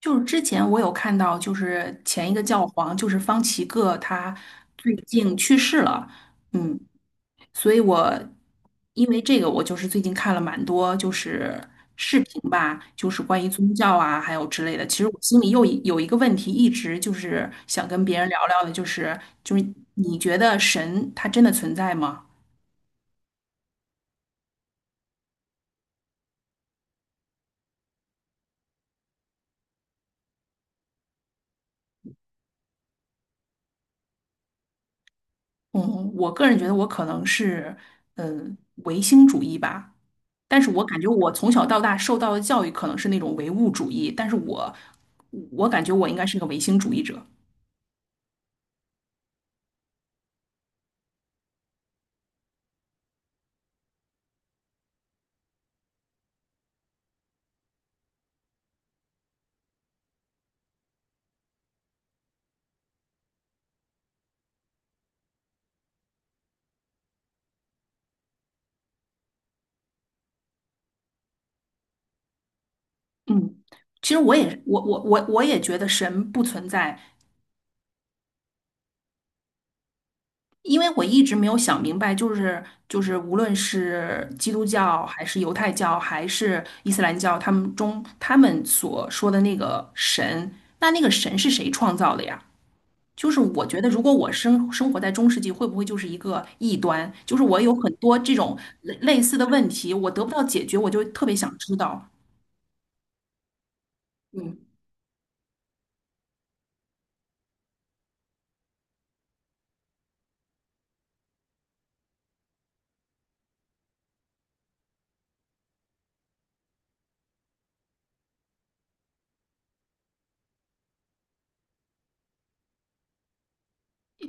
就是之前我有看到，就是前一个教皇，就是方济各，他最近去世了。嗯，所以我因为这个，我就是最近看了蛮多就是视频吧，就是关于宗教啊，还有之类的。其实我心里有一个问题，一直就是想跟别人聊聊的，就是你觉得神他真的存在吗？嗯，我个人觉得我可能是，嗯、唯心主义吧。但是我感觉我从小到大受到的教育可能是那种唯物主义，但是我，我感觉我应该是个唯心主义者。嗯，其实我也我也觉得神不存在。因为我一直没有想明白，就是无论是基督教还是犹太教还是伊斯兰教，他们中他们所说的那个神，那个神是谁创造的呀？就是我觉得，如果我生活在中世纪，会不会就是一个异端？就是我有很多这种类似的问题，我得不到解决，我就特别想知道。嗯，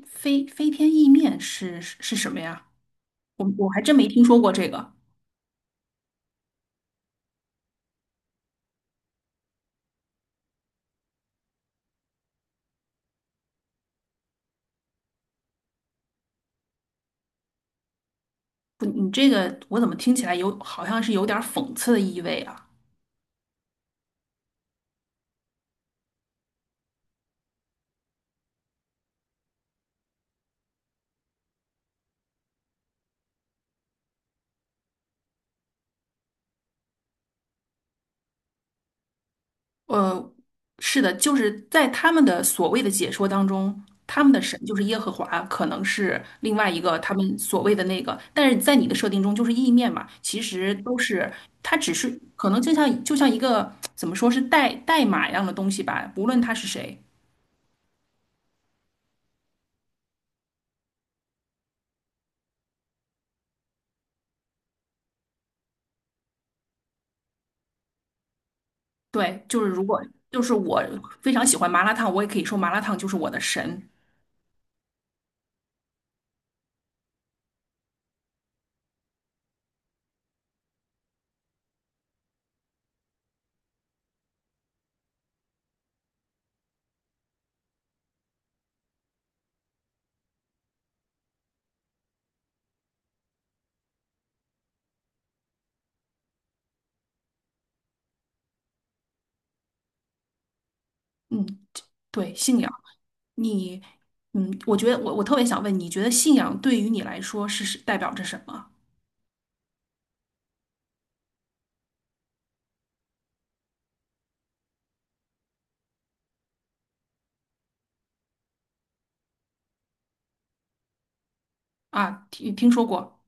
飞天意面是什么呀？我我还真没听说过这个。不，你这个我怎么听起来有好像是有点儿讽刺的意味啊？呃，是的，就是在他们的所谓的解说当中，他们的神就是耶和华，可能是另外一个他们所谓的那个，但是在你的设定中就是意面嘛，其实都是它只是可能就像一个怎么说是代码一样的东西吧，无论他是谁。对，就是如果就是我非常喜欢麻辣烫，我也可以说麻辣烫就是我的神。嗯，对，信仰。你，嗯，我觉得我我特别想问，你觉得信仰对于你来说是代表着什么？啊，听听说过。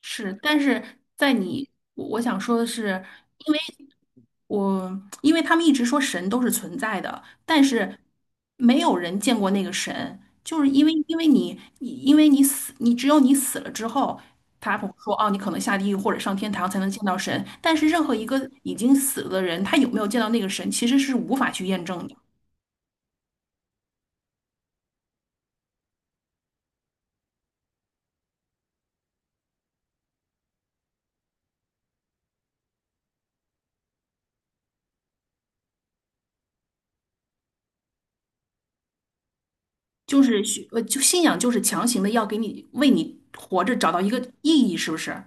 是，但是在你，我我想说的是，因为我因为他们一直说神都是存在的，但是没有人见过那个神，就是因为因为你因为你死，你只有你死了之后，他会说哦，你可能下地狱或者上天堂才能见到神，但是任何一个已经死了的人，他有没有见到那个神，其实是无法去验证的。就是就信仰就是强行的要给你为你活着找到一个意义，是不是？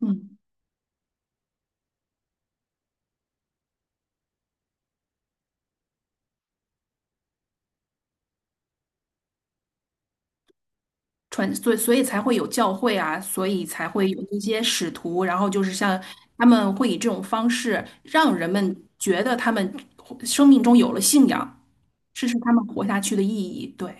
嗯。传，所以所以才会有教会啊，所以才会有一些使徒，然后就是像他们会以这种方式让人们觉得他们生命中有了信仰，这是他们活下去的意义。对，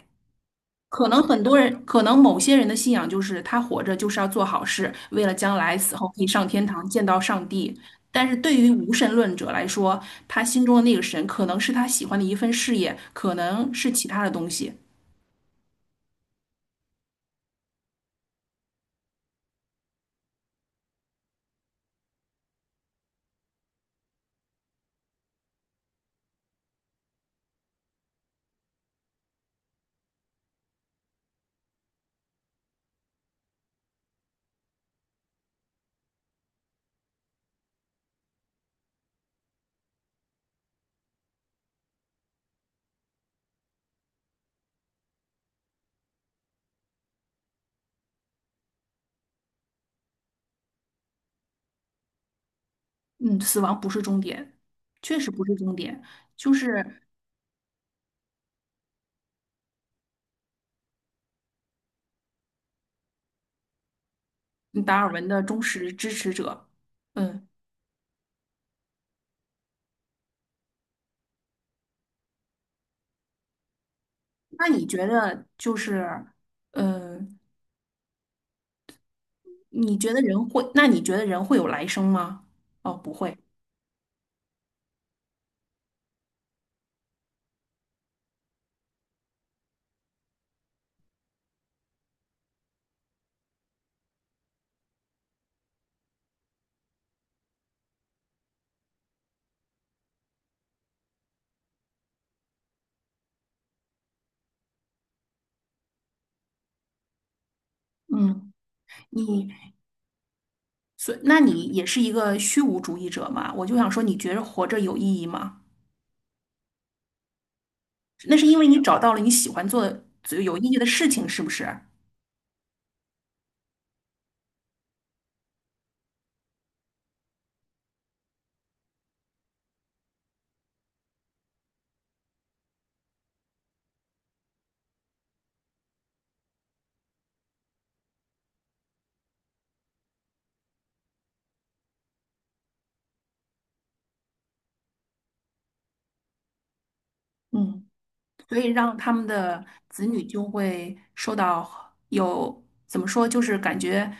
可能很多人，可能某些人的信仰就是他活着就是要做好事，为了将来死后可以上天堂见到上帝。但是对于无神论者来说，他心中的那个神可能是他喜欢的一份事业，可能是其他的东西。嗯，死亡不是终点，确实不是终点，就是达尔文的忠实支持者。嗯，那你觉得就是，嗯，你觉得人会，那你觉得人会有来生吗？哦，不会。嗯，你，所，那你也是一个虚无主义者嘛？我就想说，你觉得活着有意义吗？那是因为你找到了你喜欢做的、有意义的事情，是不是？嗯。所以让他们的子女就会受到有，怎么说，就是感觉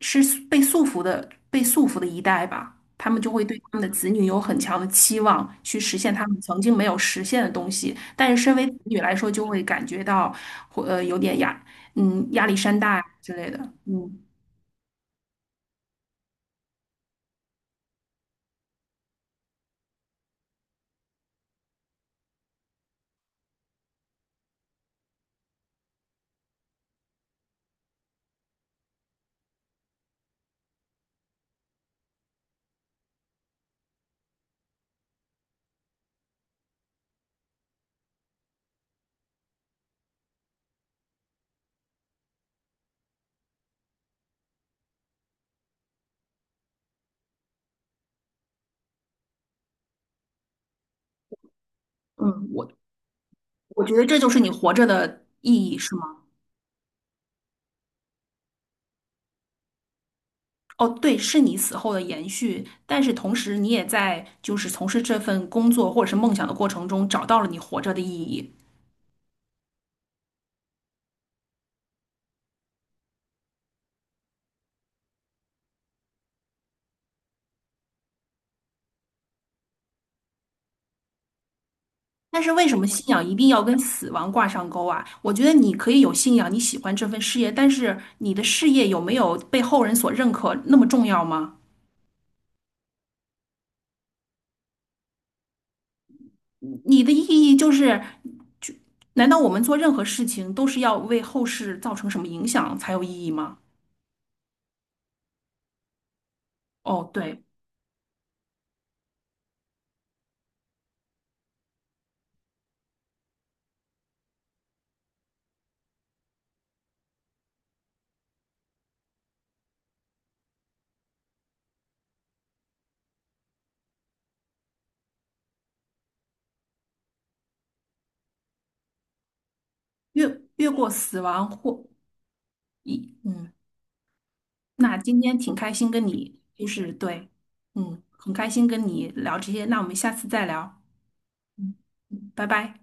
是被束缚的，被束缚的一代吧。他们就会对他们的子女有很强的期望，去实现他们曾经没有实现的东西。但是身为子女来说，就会感觉到，有点压，嗯，压力山大呀之类的。嗯嗯，我我觉得这就是你活着的意义，是吗？哦，对，是你死后的延续，但是同时你也在就是从事这份工作或者是梦想的过程中找到了你活着的意义。但是为什么信仰一定要跟死亡挂上钩啊？我觉得你可以有信仰，你喜欢这份事业，但是你的事业有没有被后人所认可那么重要吗？你的意义就是，就难道我们做任何事情都是要为后世造成什么影响才有意义吗？哦，对，越过死亡或一嗯。那今天挺开心跟你，就是对，嗯，很开心跟你聊这些，那我们下次再聊，嗯拜拜。